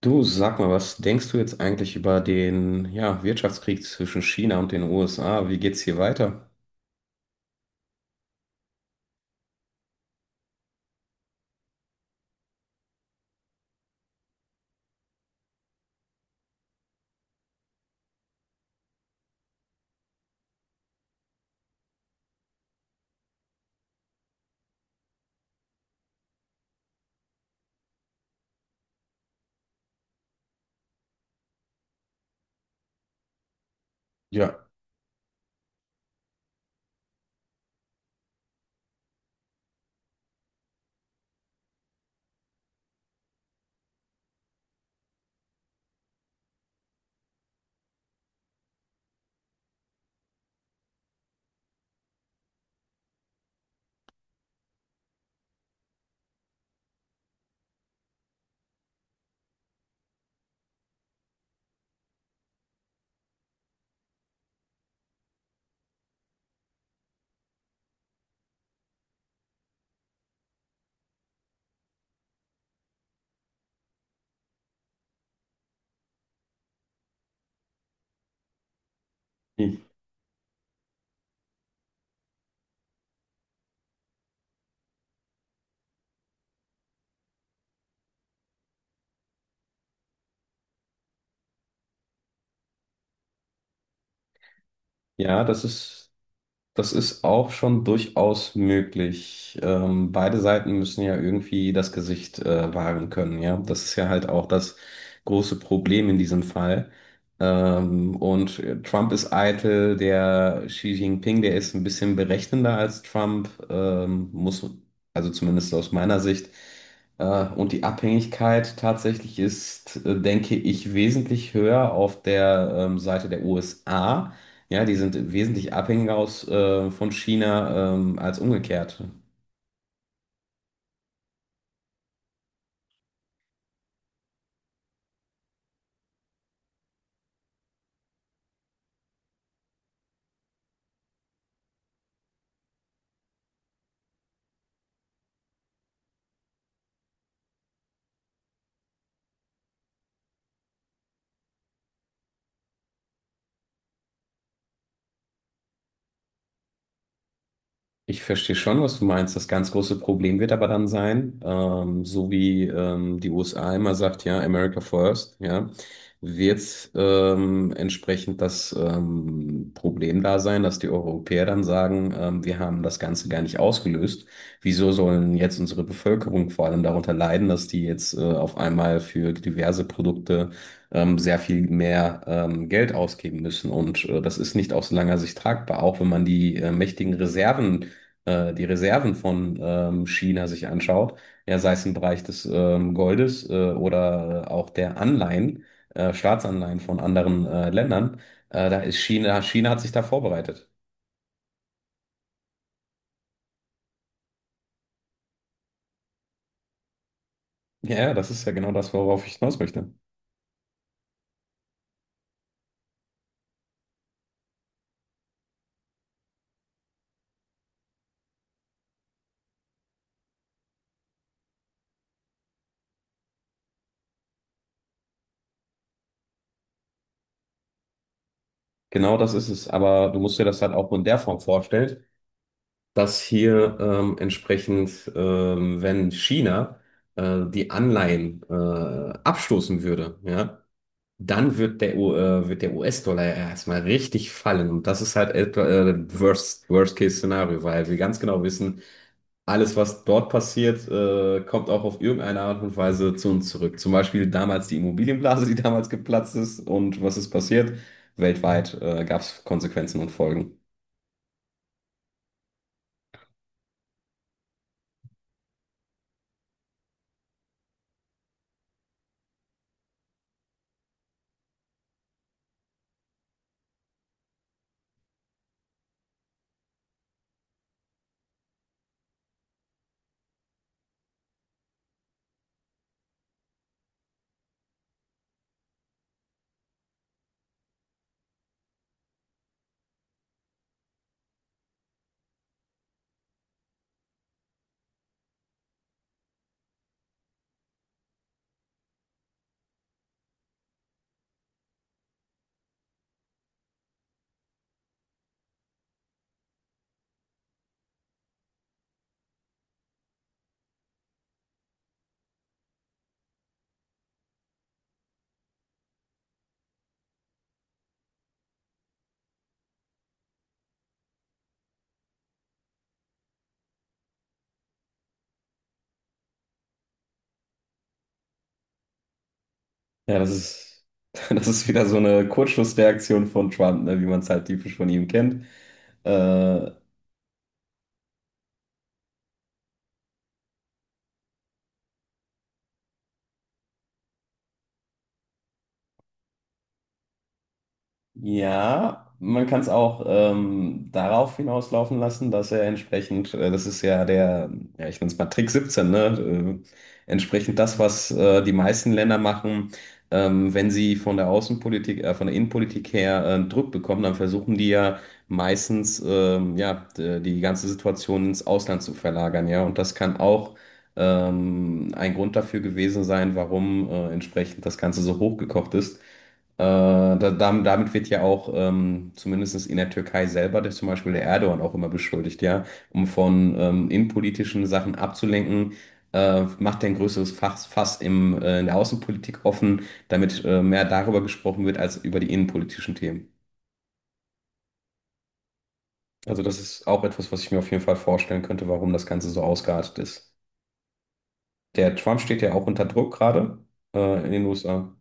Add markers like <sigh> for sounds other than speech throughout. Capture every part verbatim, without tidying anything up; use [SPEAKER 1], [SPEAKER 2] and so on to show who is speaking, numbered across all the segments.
[SPEAKER 1] Du, sag mal, was denkst du jetzt eigentlich über den, ja, Wirtschaftskrieg zwischen China und den U S A? Wie geht's hier weiter? Ja, hm. Ja, das ist Das ist auch schon durchaus möglich. Ähm, beide Seiten müssen ja irgendwie das Gesicht äh, wahren können, ja. Das ist ja halt auch das große Problem in diesem Fall. Ähm, und äh, Trump ist eitel, der Xi Jinping, der ist ein bisschen berechnender als Trump, ähm, muss, also zumindest aus meiner Sicht. Äh, und die Abhängigkeit tatsächlich ist, äh, denke ich, wesentlich höher auf der ähm, Seite der U S A, ja, die sind wesentlich abhängiger aus, äh, von China ähm, als umgekehrt. Ich verstehe schon, was du meinst. Das ganz große Problem wird aber dann sein, ähm, so wie ähm, die U S A immer sagt, ja, America first, ja, wird ähm, entsprechend das ähm, Problem da sein, dass die Europäer dann sagen, ähm, wir haben das Ganze gar nicht ausgelöst. Wieso sollen jetzt unsere Bevölkerung vor allem darunter leiden, dass die jetzt äh, auf einmal für diverse Produkte ähm, sehr viel mehr ähm, Geld ausgeben müssen? Und äh, das ist nicht aus langer Sicht tragbar, auch wenn man die äh, mächtigen Reserven äh, die Reserven von ähm, China sich anschaut, ja, sei es im Bereich des ähm, Goldes äh, oder auch der Anleihen, äh, Staatsanleihen von anderen äh, Ländern. äh, da ist China, China hat sich da vorbereitet. Ja, ja, das ist ja genau das, worauf ich hinaus möchte. Genau das ist es. Aber du musst dir das halt auch in der Form vorstellen, dass hier ähm, entsprechend, ähm, wenn China äh, die Anleihen äh, abstoßen würde, ja, dann wird der, U- äh, wird der U S-Dollar ja erstmal richtig fallen. Und das ist halt etwa, äh, Worst, Worst-Case-Szenario, weil wir ganz genau wissen, alles, was dort passiert, äh, kommt auch auf irgendeine Art und Weise zu uns zurück. Zum Beispiel damals die Immobilienblase, <laughs> die damals geplatzt ist. Und was ist passiert? Weltweit, äh, gab es Konsequenzen und Folgen. Ja, das ist. <laughs> Das ist wieder so eine Kurzschlussreaktion von Trump, ne, wie man es halt typisch von ihm kennt. Äh, Ja, man kann es auch ähm, darauf hinauslaufen lassen, dass er entsprechend, äh, das ist ja der, ja, ich nenne es mal Trick siebzehn, ne? Äh, entsprechend das, was äh, die meisten Länder machen, ähm, wenn sie von der Außenpolitik, äh, von der Innenpolitik her äh, Druck bekommen, dann versuchen die ja meistens, ähm, ja, d- die ganze Situation ins Ausland zu verlagern, ja. Und das kann auch ähm, ein Grund dafür gewesen sein, warum äh, entsprechend das Ganze so hochgekocht ist. Äh, da, dam- damit wird ja auch ähm, zumindest in der Türkei selber der, zum Beispiel der Erdogan auch immer beschuldigt, ja, um von ähm, innenpolitischen Sachen abzulenken, äh, macht er ein größeres Fass, Fass im, äh, in der Außenpolitik offen, damit äh, mehr darüber gesprochen wird als über die innenpolitischen Themen. Also das ist auch etwas, was ich mir auf jeden Fall vorstellen könnte, warum das Ganze so ausgeartet ist. Der Trump steht ja auch unter Druck gerade äh, in den U S A.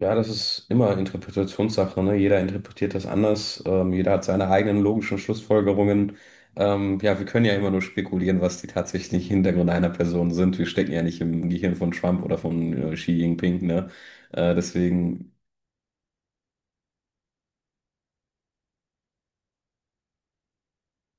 [SPEAKER 1] Ja, das ist immer Interpretationssache, ne? Jeder interpretiert das anders, ähm, jeder hat seine eigenen logischen Schlussfolgerungen. Ähm, ja, wir können ja immer nur spekulieren, was die tatsächlichen Hintergründe einer Person sind. Wir stecken ja nicht im Gehirn von Trump oder von äh, Xi Jinping, ne? Äh, deswegen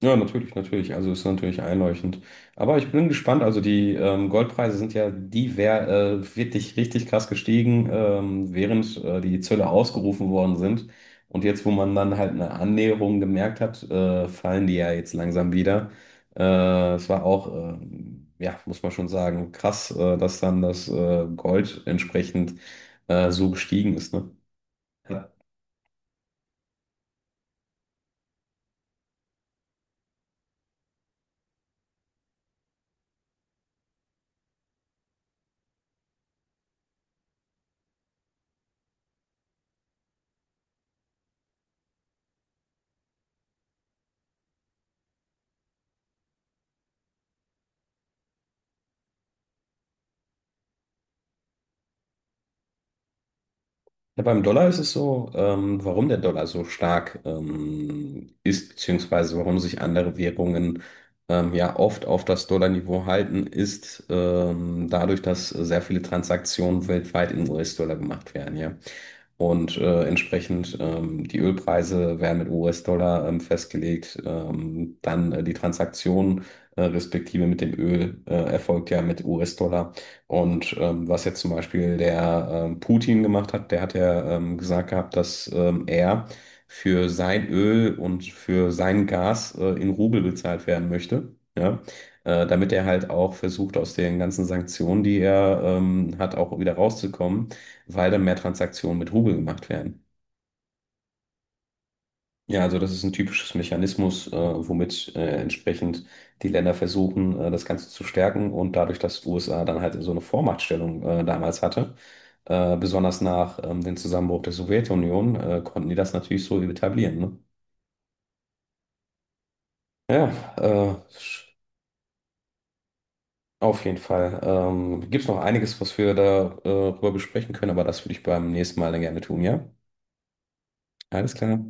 [SPEAKER 1] Ja, natürlich, natürlich. Also ist natürlich einleuchtend. Aber ich bin gespannt. Also die ähm, Goldpreise sind ja diver, äh, wirklich richtig krass gestiegen, ähm, während äh, die Zölle ausgerufen worden sind. Und jetzt, wo man dann halt eine Annäherung gemerkt hat, äh, fallen die ja jetzt langsam wieder. Äh, es war auch, äh, ja, muss man schon sagen, krass, äh, dass dann das äh, Gold entsprechend äh, so gestiegen ist, ne? Ja, beim Dollar ist es so, ähm, warum der Dollar so stark ähm, ist, beziehungsweise warum sich andere Währungen ähm, ja oft auf das Dollarniveau halten, ist ähm, dadurch, dass sehr viele Transaktionen weltweit in U S-Dollar gemacht werden, ja. Und äh, entsprechend ähm, die Ölpreise werden mit U S-Dollar ähm, festgelegt, ähm, dann äh, die Transaktion äh, respektive mit dem Öl äh, erfolgt ja mit U S-Dollar. Und ähm, was jetzt zum Beispiel der ähm, Putin gemacht hat, der hat ja ähm, gesagt gehabt, dass ähm, er für sein Öl und für sein Gas äh, in Rubel bezahlt werden möchte, ja, äh, damit er halt auch versucht, aus den ganzen Sanktionen, die er ähm, hat, auch wieder rauszukommen, weil dann mehr Transaktionen mit Rubel gemacht werden. Ja, also das ist ein typisches Mechanismus, äh, womit äh, entsprechend die Länder versuchen, äh, das Ganze zu stärken. Und dadurch, dass die U S A dann halt so eine Vormachtstellung äh, damals hatte, äh, besonders nach ähm, dem Zusammenbruch der Sowjetunion, äh, konnten die das natürlich so etablieren. Ne? Ja, äh, sch- auf jeden Fall. Ähm, gibt es noch einiges, was wir darüber äh, drüber besprechen können, aber das würde ich beim nächsten Mal dann gerne tun, ja? Alles klar.